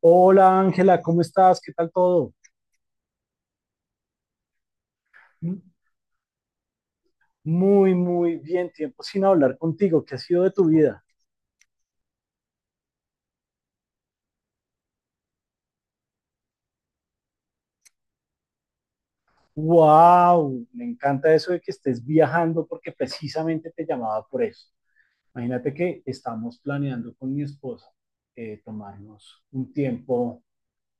Hola Ángela, ¿cómo estás? ¿Qué tal todo? M- Muy, muy bien. Tiempo sin hablar contigo. ¿Qué ha sido de tu vida? ¡Wow! Me encanta eso de que estés viajando, porque precisamente te llamaba por eso. Imagínate que estamos planeando con mi esposa tomarnos un tiempo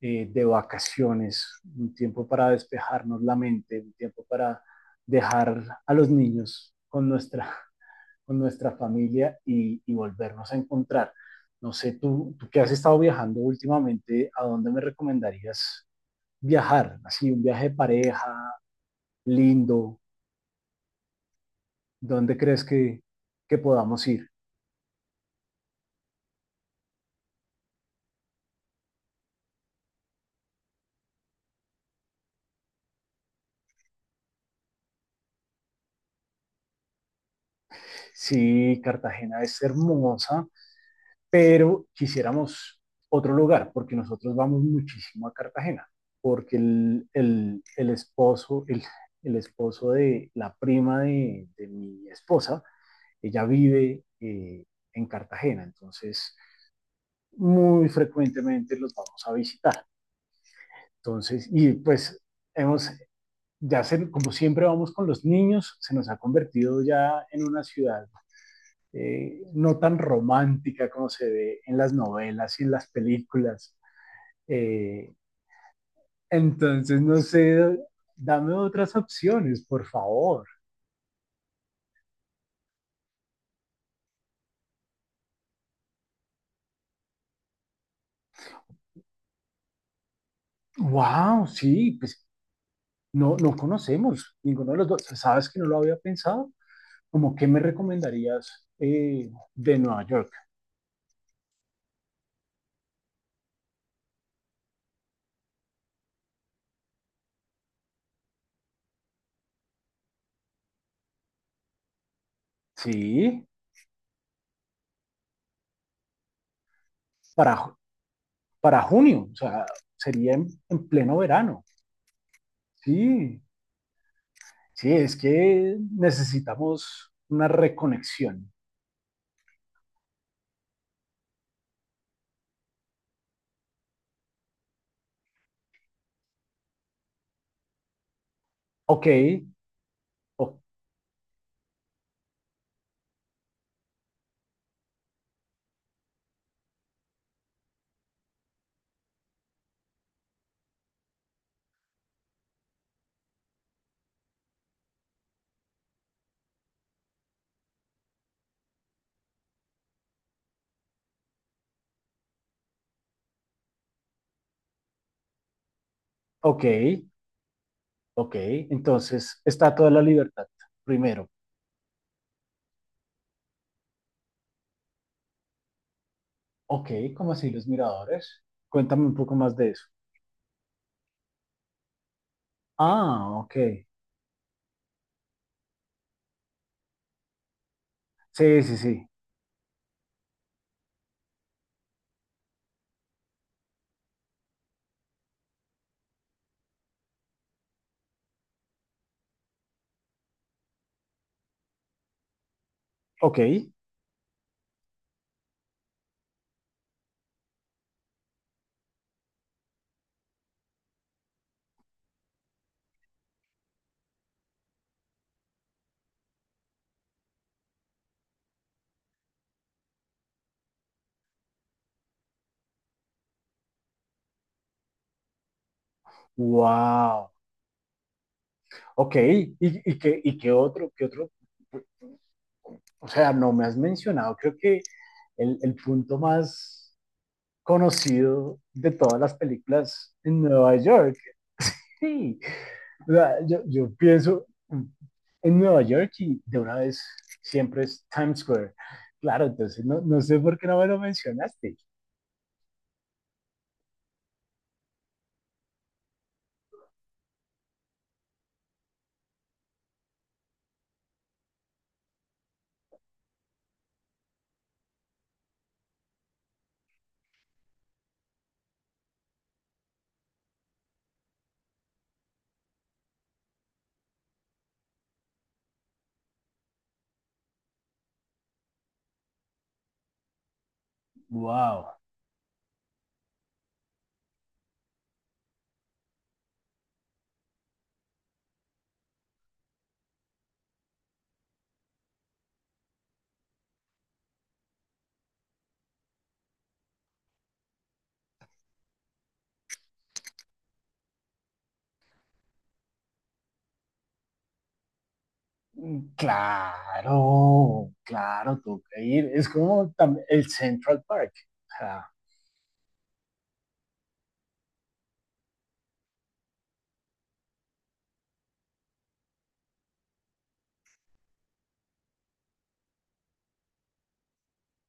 de vacaciones, un tiempo para despejarnos la mente, un tiempo para dejar a los niños con nuestra familia, y volvernos a encontrar. No sé, tú que has estado viajando últimamente, ¿a dónde me recomendarías viajar? Así, un viaje de pareja, lindo, ¿dónde crees que podamos ir? Sí, Cartagena es hermosa, pero quisiéramos otro lugar, porque nosotros vamos muchísimo a Cartagena, porque el esposo de la prima de mi esposa. Ella vive en Cartagena, entonces muy frecuentemente los vamos a visitar. Entonces, y pues hemos, ya se, como siempre vamos con los niños, se nos ha convertido ya en una ciudad no tan romántica como se ve en las novelas y en las películas. Eh, entonces, no sé, dame otras opciones, por favor. Wow, sí, pues no, no conocemos ninguno de los dos. ¿Sabes que no lo había pensado? ¿Cómo qué me recomendarías de Nueva York? Sí, para, ju- para junio, o sea, sería en pleno verano. Sí, sí, es que necesitamos una reconexión. Ok, o- ok, ok. Entonces, está toda la libertad. Primero, ok, ¿cómo así los miradores? Cuéntame un poco más de eso. Ah, ok. Sí, sí, sí. Ok. Wow. Ok. Y qué otro, qué otro? O sea, no me has mencionado, creo que el punto más conocido de todas las películas en Nueva York. Sí, o sea, yo pienso en Nueva York y de una vez siempre es Times Square. Claro, entonces no, no sé por qué no me lo mencionaste. Wow, claro, claro, tengo que ir. Es como tam- el Central Park. O sea,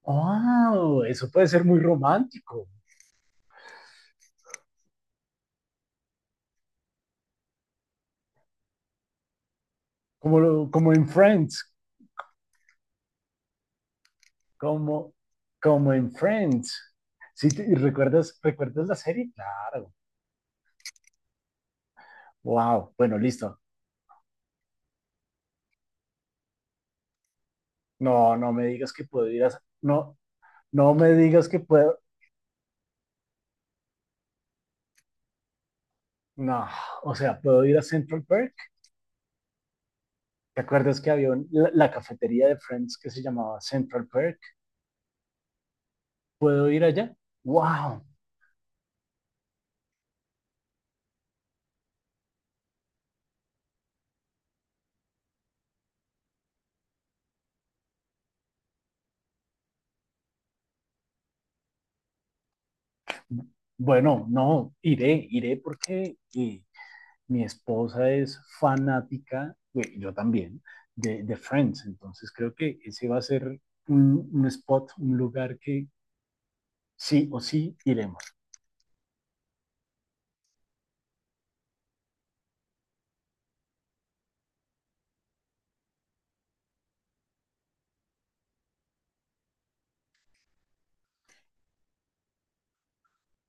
wow, eso puede ser muy romántico. Como en Friends, como, como en Friends. ¿Sí te- y recuerdas, recuerdas la serie? Claro. Wow. Bueno, listo. No, no me digas que puedo ir a... No, no me digas que puedo... No, o sea, puedo ir a Central Park. ¿Te acuerdas que había un- la cafetería de Friends que se llamaba Central Park? ¿Puedo ir allá? Wow. Bueno, no, iré, iré porque mi esposa es fanática, yo también, de, Friends. Entonces creo que ese va a ser un, spot, un lugar que sí o sí iremos.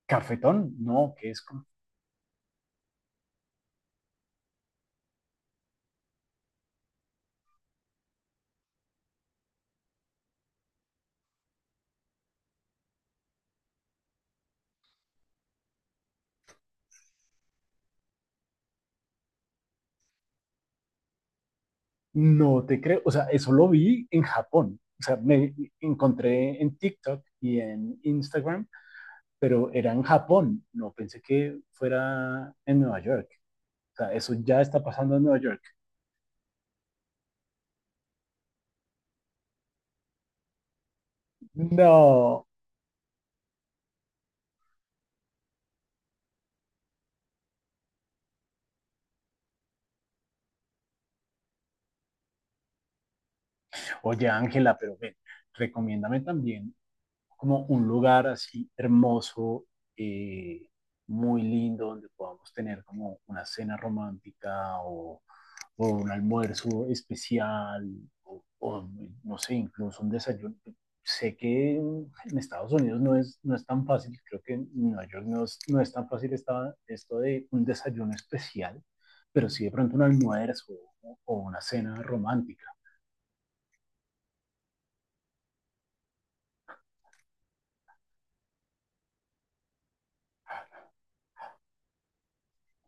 Cafetón, no, que es como, no te creo. O sea, eso lo vi en Japón. O sea, me encontré en TikTok y en Instagram, pero era en Japón. No pensé que fuera en Nueva York. O sea, eso ya está pasando en Nueva York. No. Oye, Ángela, pero ven, recomiéndame también como un lugar así hermoso, eh, muy lindo, donde podamos tener como una cena romántica o un almuerzo especial o, no sé, incluso un desayuno. Sé que en Estados Unidos no es, no es tan fácil, creo que en Nueva York no es, no es tan fácil esta, esto de un desayuno especial, pero sí de pronto un almuerzo o una cena romántica.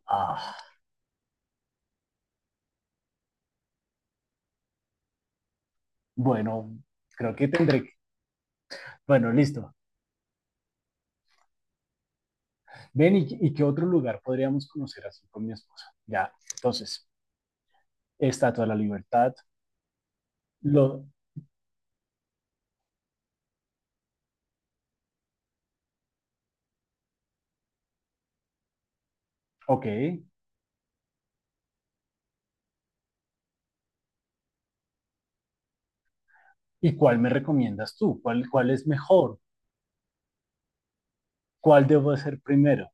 Ah, bueno, creo que tendré que... Bueno, listo. Ven, y qué otro lugar podríamos conocer así con mi esposa? Ya, entonces, Estatua de la Libertad, lo, ok, ¿y cuál me recomiendas tú? ¿Cuál, cuál es mejor? ¿Cuál debo hacer primero?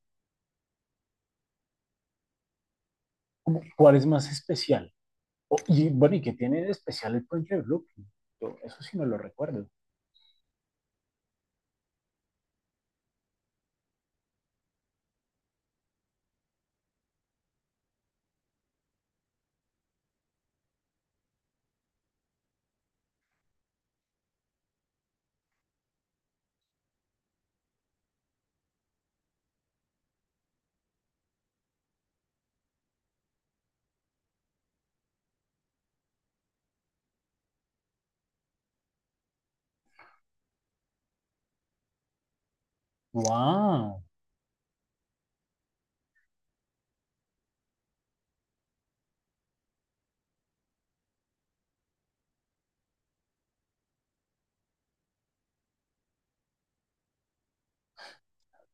¿Cuál es más especial? Y bueno, ¿y qué tiene de especial el puente de Brooklyn? Yo eso sí no lo recuerdo. ¡Wow!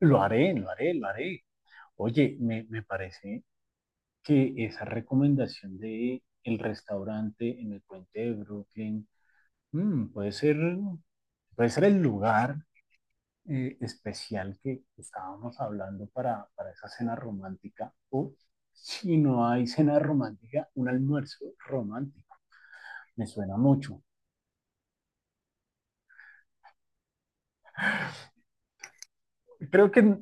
Lo haré, lo haré, lo haré. Oye, me parece que esa recomendación de el restaurante en el puente de Brooklyn mm, puede ser. Puede ser el lugar especial que estábamos hablando para esa cena romántica o si no hay cena romántica, un almuerzo romántico. Me suena mucho. Creo que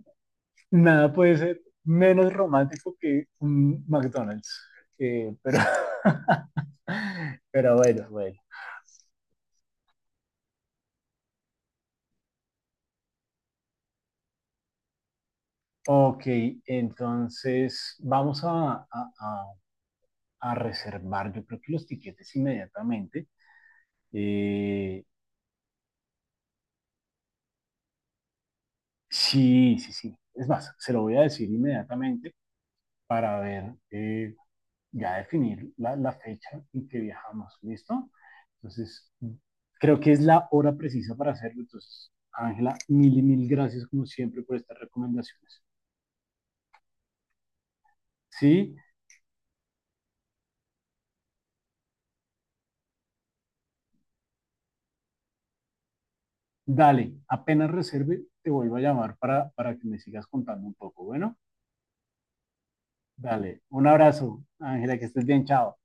nada puede ser menos romántico que un McDonald's. Pero, pero bueno, bueno. Ok, entonces vamos a, a, a reservar, yo creo que los tiquetes inmediatamente. Eh, Sí, sí, sí. Es más, se lo voy a decir inmediatamente para ver, ya definir la, la fecha en que viajamos, ¿listo? Entonces, creo que es la hora precisa para hacerlo. Entonces, Ángela, mil y mil gracias como siempre por estas recomendaciones. Sí, dale, apenas reserve, te vuelvo a llamar para que me sigas contando un poco. Bueno, dale, un abrazo, Ángela, que estés bien, chao.